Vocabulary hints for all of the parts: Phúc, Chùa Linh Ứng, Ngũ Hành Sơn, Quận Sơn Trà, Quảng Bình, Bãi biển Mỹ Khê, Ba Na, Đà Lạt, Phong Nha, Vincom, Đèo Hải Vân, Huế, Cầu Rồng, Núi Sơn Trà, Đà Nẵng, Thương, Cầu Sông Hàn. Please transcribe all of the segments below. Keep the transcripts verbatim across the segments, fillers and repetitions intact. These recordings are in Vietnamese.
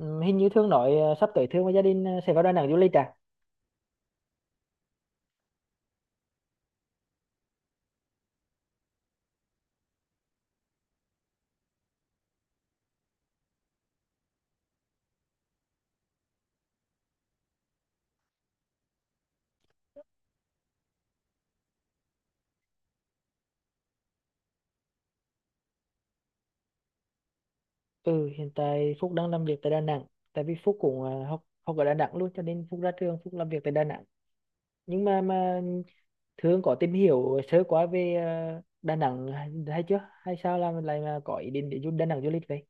Ừ, hình như Thương nói ờ, sắp tới Thương và gia đình ờ, sẽ vào Đà Nẵng du lịch à? Ừ, hiện tại Phúc đang làm việc tại Đà Nẵng. Tại vì Phúc cũng ờ, học học ở Đà Nẵng luôn cho nên Phúc ra trường Phúc làm việc tại Đà Nẵng. Nhưng mà mà Thương có tìm hiểu sơ qua về ờ, Đà Nẵng hay, hay chưa? Hay sao là mình lại mà có ý định để du Đà Nẵng du lịch vậy?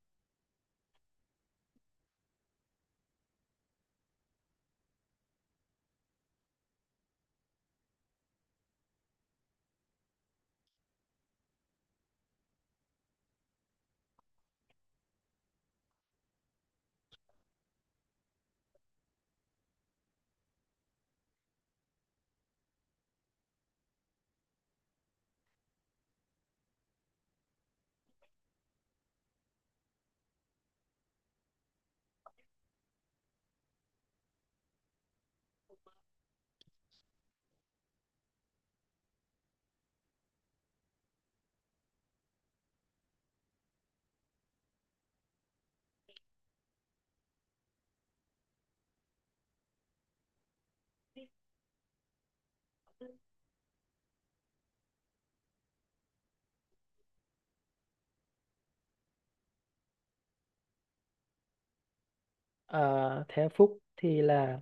Ờ, theo Phúc thì là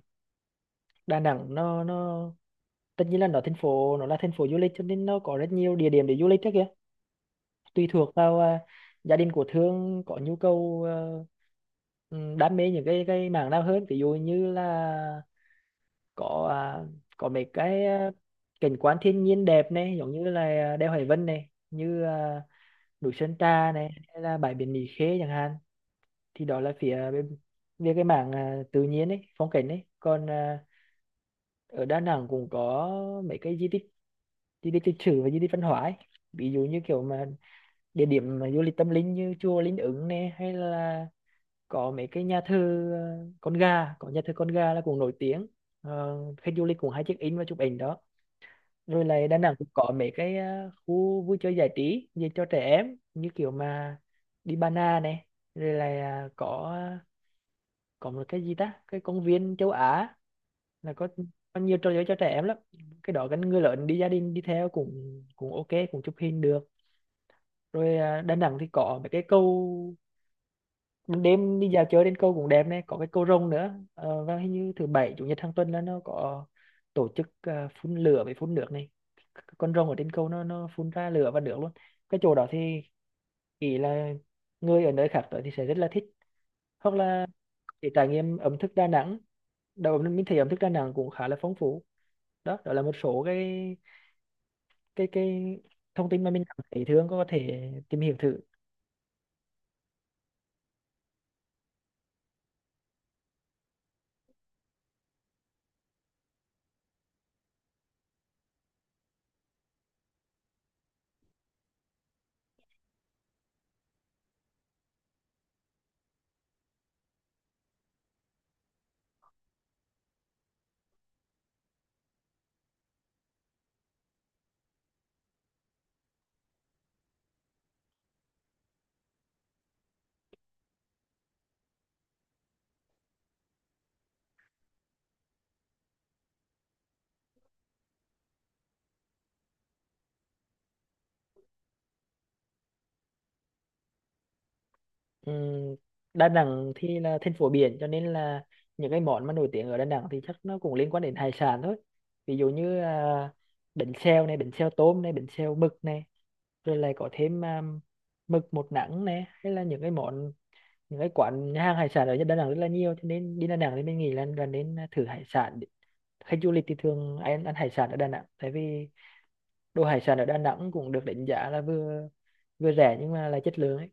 Đà Nẵng nó nó tất nhiên là nó thành phố nó là thành phố du lịch cho nên nó có rất nhiều địa điểm để du lịch đó kìa, tùy thuộc vào à, gia đình của Thương có nhu cầu, à, ừ, đam mê những cái cái mảng nào hơn. Ví dụ như là có à, có mấy cái à, cảnh quan thiên nhiên đẹp này, giống như là à, đèo Hải Vân này, như à, núi Sơn Trà này, hay là bãi biển Mỹ Khê chẳng hạn, thì đó là phía bên về cái mảng à, tự nhiên ấy, phong cảnh ấy. Còn à, ở Đà Nẵng cũng có mấy cái di tích, di tích lịch sử và di tích văn hóa ấy. Ví dụ như kiểu mà địa điểm mà du lịch tâm linh như chùa Linh Ứng nè, hay là có mấy cái nhà thờ, ờ, con gà, có nhà thờ con gà là cũng nổi tiếng. Ờ, khách du lịch cũng hay check in và chụp ảnh đó. Rồi lại Đà Nẵng cũng có mấy cái ờ, khu vui chơi giải trí dành cho trẻ em, như kiểu mà đi Ba Na này, rồi là ờ, có có một cái gì ta, cái công viên châu Á, là có có nhiều trò chơi cho trẻ em lắm. Cái đó gần người lớn đi, gia đình đi theo cũng cũng ok cũng chụp hình được. Rồi à, Đà Nẵng thì có mấy cái cầu, ban đêm đi dạo chơi đến câu cũng đẹp này, có cái cầu rồng nữa. Ờ, và hình như thứ bảy chủ nhật hàng tuần là nó có tổ chức à, phun lửa với phun nước này. Con rồng ở trên cầu nó nó phun ra lửa và nước luôn. Cái chỗ đó thì ý là người ở nơi khác tới thì sẽ rất là thích, hoặc là để trải nghiệm ẩm thực Đà Nẵng. Đầu mình thấy ẩm thực Đà Nẵng cũng khá là phong phú. Đó đó là một số cái cái cái thông tin mà mình cảm thấy thường có thể tìm hiểu thử. Ừm, Đà Nẵng thì là thành phố biển cho nên là những cái món mà nổi tiếng ở Đà Nẵng thì chắc nó cũng liên quan đến hải sản thôi. Ví dụ như à, bánh xèo này, bánh xèo tôm này, bánh xèo mực này, rồi lại có thêm à, mực một nắng này, hay là những cái món, những cái quán nhà hàng hải sản ở Đà Nẵng rất là nhiều cho nên đi Đà Nẵng thì mình nghĩ là là nên thử hải sản. Khách du lịch thì thường ai ăn, ăn hải sản ở Đà Nẵng tại vì đồ hải sản ở Đà Nẵng cũng được đánh giá là vừa vừa rẻ nhưng mà là chất lượng ấy.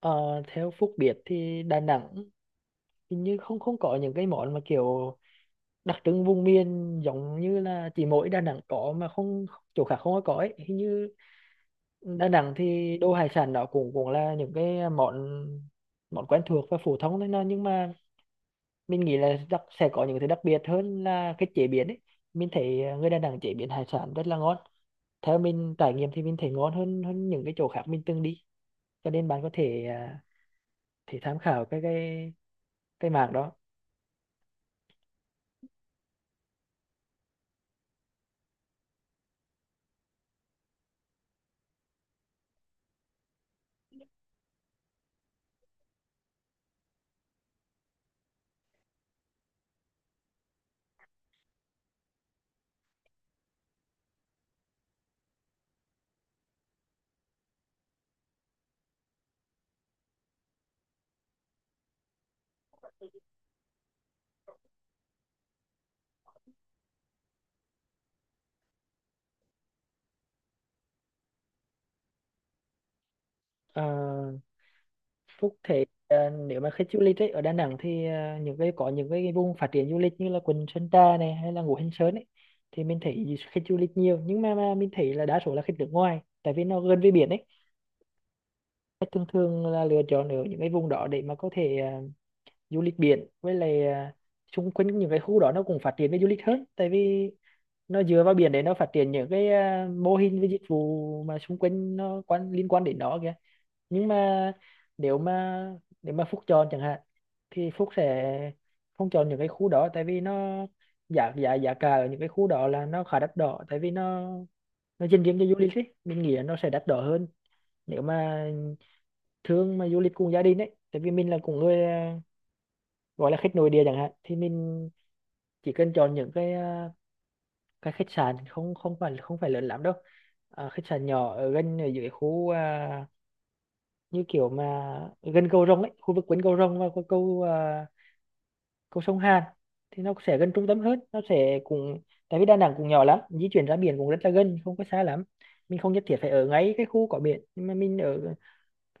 Ờ, theo Phúc biết thì Đà Nẵng hình như không không có những cái món mà kiểu đặc trưng vùng miền, giống như là chỉ mỗi Đà Nẵng có mà không chỗ khác không có có ấy. Hình như Đà Nẵng thì đồ hải sản đó cũng cũng là những cái món, món quen thuộc và phổ thông thôi, nó nhưng mà mình nghĩ là đặc, sẽ có những thứ đặc biệt hơn là cái chế biến ấy. Mình thấy người Đà Nẵng chế biến hải sản rất là ngon. Theo mình trải nghiệm thì mình thấy ngon hơn hơn những cái chỗ khác mình từng đi. Cho nên bạn có thể à, thể tham khảo cái cái cái mảng đó. Ờ, Phúc thế ờ, nếu mà khách du lịch ấy, ở Đà Nẵng thì ờ, những cái có những cái vùng phát triển du lịch như là quận Sơn Trà này hay là Ngũ Hành Sơn ấy, thì mình thấy khách du lịch nhiều, nhưng mà, mà mình thấy là đa số là khách nước ngoài tại vì nó gần với biển ấy. Khách thường thường là lựa chọn ở những cái vùng đó để mà có thể ờ, du lịch biển, với lại à, xung quanh những cái khu đó nó cũng phát triển về du lịch hơn tại vì nó dựa vào biển để nó phát triển những cái à, mô hình với dịch vụ mà xung quanh nó, quan liên quan đến nó kìa. Nhưng mà nếu mà nếu mà Phúc chọn chẳng hạn thì Phúc sẽ không chọn những cái khu đó, tại vì nó giá giá giá cả ở những cái khu đó là nó khá đắt đỏ, tại vì nó nó dành riêng cho du lịch ấy, mình nghĩ là nó sẽ đắt đỏ hơn. Nếu mà thương mà du lịch cùng gia đình ấy, tại vì mình là cũng người à, gọi là khách nội địa chẳng hạn, thì mình chỉ cần chọn những cái à, cái khách sạn không không phải không phải lớn lắm đâu, à, khách sạn nhỏ ở gần, ở dưới khu à, như kiểu mà gần cầu Rồng ấy, khu vực quanh cầu Rồng và khu- cầu à, cầu sông Hàn, thì nó sẽ gần trung tâm hơn. Nó sẽ cũng, tại vì Đà Nẵng cũng nhỏ lắm, di chuyển ra biển cũng rất là gần, không có xa lắm. Mình không nhất thiết phải ở ngay cái khu có biển, nhưng mà mình ở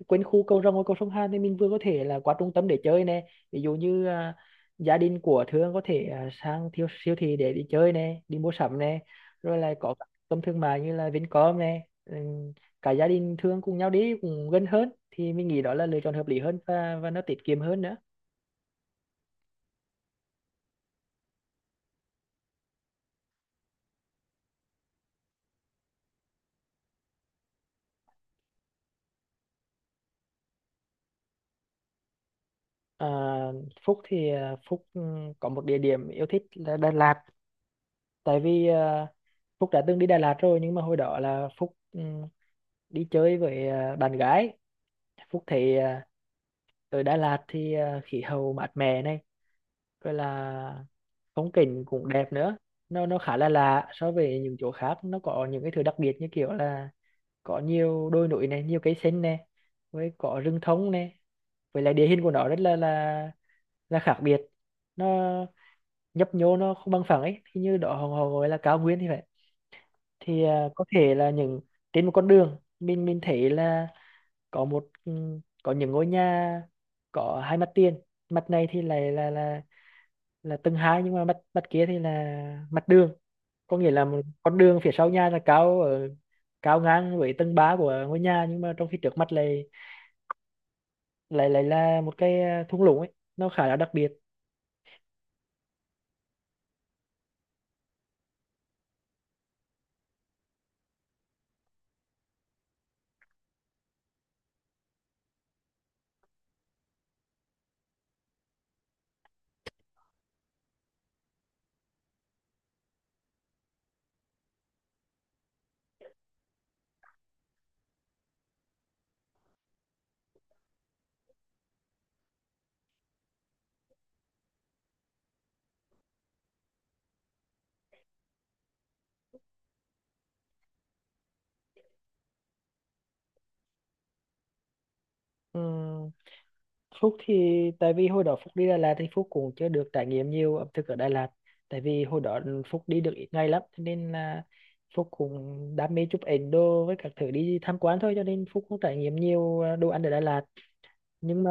quanh khu cầu rồng và cầu sông Hàn thì mình vừa có thể là qua trung tâm để chơi nè. Ví dụ như à, gia đình của Thương có thể à, sang thiêu, siêu thị để đi chơi nè, đi mua sắm nè, rồi lại có các trung tâm thương mại như là Vincom nè. Ừ, cả gia đình Thương cùng nhau đi cũng gần hơn, thì mình nghĩ đó là lựa chọn hợp lý hơn và và nó tiết kiệm hơn nữa. À, Phúc thì à, Phúc ừ, có một địa điểm yêu thích là Đà Lạt, tại vì à, Phúc đã từng đi Đà Lạt rồi, nhưng mà hồi đó là Phúc ừ, đi chơi với à, bạn gái. Phúc thấy à, ở Đà Lạt thì à, khí hậu mát mẻ này, rồi là phong cảnh cũng đẹp nữa. Nó nó khá là lạ so với những chỗ khác, nó có những cái thứ đặc biệt như kiểu là có nhiều đồi núi này, nhiều cây xanh này, với có rừng thông này, với lại địa hình của nó rất là là là khác biệt. Nó nhấp nhô, nó không bằng phẳng ấy, thì như đó họ họ gọi là cao nguyên thì vậy. Thì à, có thể là những trên một con đường, mình mình thấy là có một, ừ, có những ngôi nhà có hai mặt tiền. Mặt này thì lại là là là tầng hai, nhưng mà mặt mặt kia thì là mặt đường, có nghĩa là một con đường phía sau nhà là cao ở cao ngang với tầng ba của ngôi nhà, nhưng mà trong khi trước mặt lại lại lại là một cái ờ, thung lũng ấy, nó khá là đặc biệt. Ừ, Phúc thì tại vì hồi đó Phúc đi Đà Lạt thì Phúc cũng chưa được trải nghiệm nhiều ẩm thực ở Đà Lạt, tại vì hồi đó Phúc đi được ít ngày lắm cho nên là Phúc cũng đam mê chụp ảnh đồ với các thứ đi tham quan thôi, cho nên Phúc cũng trải nghiệm nhiều à, đồ ăn ở Đà Lạt. Nhưng mà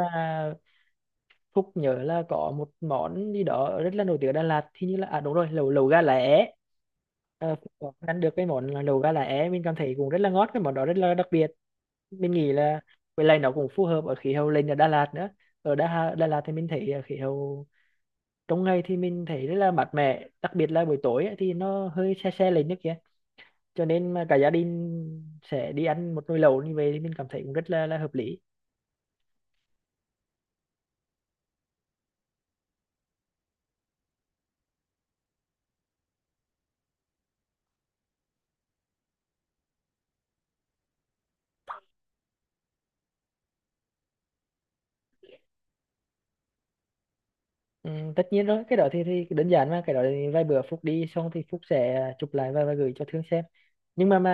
Phúc nhớ là có một món gì đó rất là nổi tiếng ở Đà Lạt thì như là à đúng rồi, lẩu lẩu gà lá é. Ờ, Phúc có ăn được cái món là lẩu gà lá é, mình cảm thấy cũng rất là ngon, cái món đó rất là đặc biệt. Mình nghĩ là với lại nó cũng phù hợp ở khí hậu lên ở Đà Lạt nữa. Ở Đà, Đà Lạt thì mình thấy ờ, khí hậu trong ngày thì mình thấy rất là mát mẻ, đặc biệt là buổi tối ấy, thì nó hơi se se lên nước kia, cho nên mà cả gia đình sẽ đi ăn một nồi lẩu như vậy thì mình cảm thấy cũng rất là, là hợp lý. Ừ, tất nhiên rồi, cái đó thì, thì đơn giản mà, cái đó thì vài bữa Phúc đi xong thì Phúc sẽ chụp lại và, và gửi cho Thương xem. Nhưng mà mà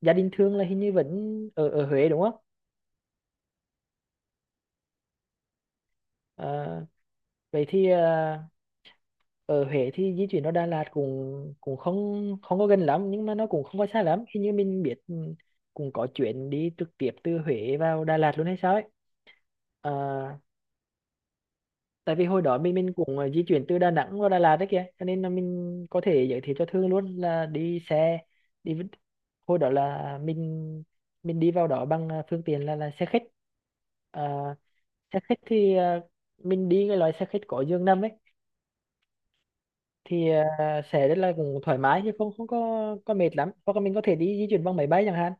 gia đình Thương là hình như vẫn ở ở Huế đúng không? Ờ, vậy thì ờ, ở Huế thì di chuyển nó Đà Lạt cũng cũng không không có gần lắm, nhưng mà nó cũng không có xa lắm. Hình như mình biết ừ, cũng có chuyến đi trực tiếp từ Huế vào Đà Lạt luôn hay sao ấy. Ờ, tại vì hồi đó mình mình cũng ờ, di chuyển từ Đà Nẵng vào Đà Lạt đấy kìa, cho nên là mình có thể giới thiệu cho Thương luôn là đi xe đi với- hồi đó là mình mình đi vào đó bằng ờ, phương tiện là là xe khách. Ờ, xe khách thì ờ, mình đi cái loại xe khách có giường nằm ấy, thì ờ, sẽ rất là cũng thoải mái, chứ không không có có mệt lắm, hoặc là mình có thể đi di chuyển bằng máy bay chẳng hạn.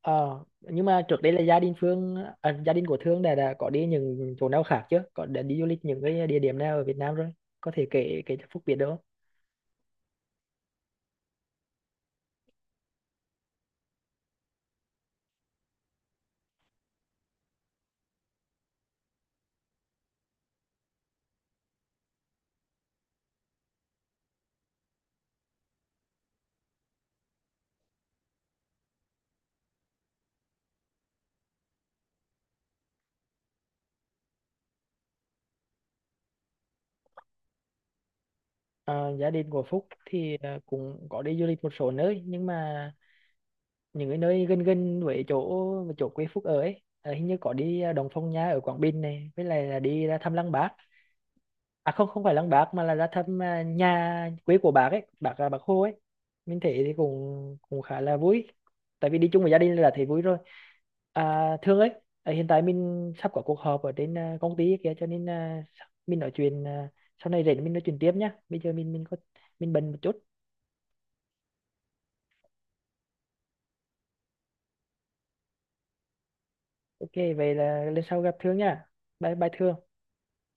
Ờ, nhưng mà trước đây là gia đình Phương à, gia đình của Thương đã, đã có đi những chỗ nào khác chưa? Có đã đi du lịch những cái địa điểm nào ở Việt Nam rồi? Có thể kể kể cho Phúc biết được không? Ờ, gia đình của Phúc thì à, cũng có đi du lịch một số nơi, nhưng mà những cái nơi gần gần với chỗ chỗ quê Phúc ở ấy. À, hình như có đi à, Đồng Phong Nha ở Quảng Bình này, với lại là đi ra thăm Lăng Bác, à không không phải Lăng Bác, mà là ra thăm à, nhà quê của bác ấy, bác là bác Hồ ấy. Mình thấy thì cũng cũng khá là vui, tại vì đi chung với gia đình là thấy vui rồi. À, thương ấy, à, hiện tại mình sắp có cuộc họp ở trên à, công ty kia, cho nên à, sắp- mình nói chuyện à, sau này rảnh mình nói chuyện tiếp nhá, bây giờ mình mình có mình bận một chút. Ok vậy là lần sau gặp thương nha, bye bye thương.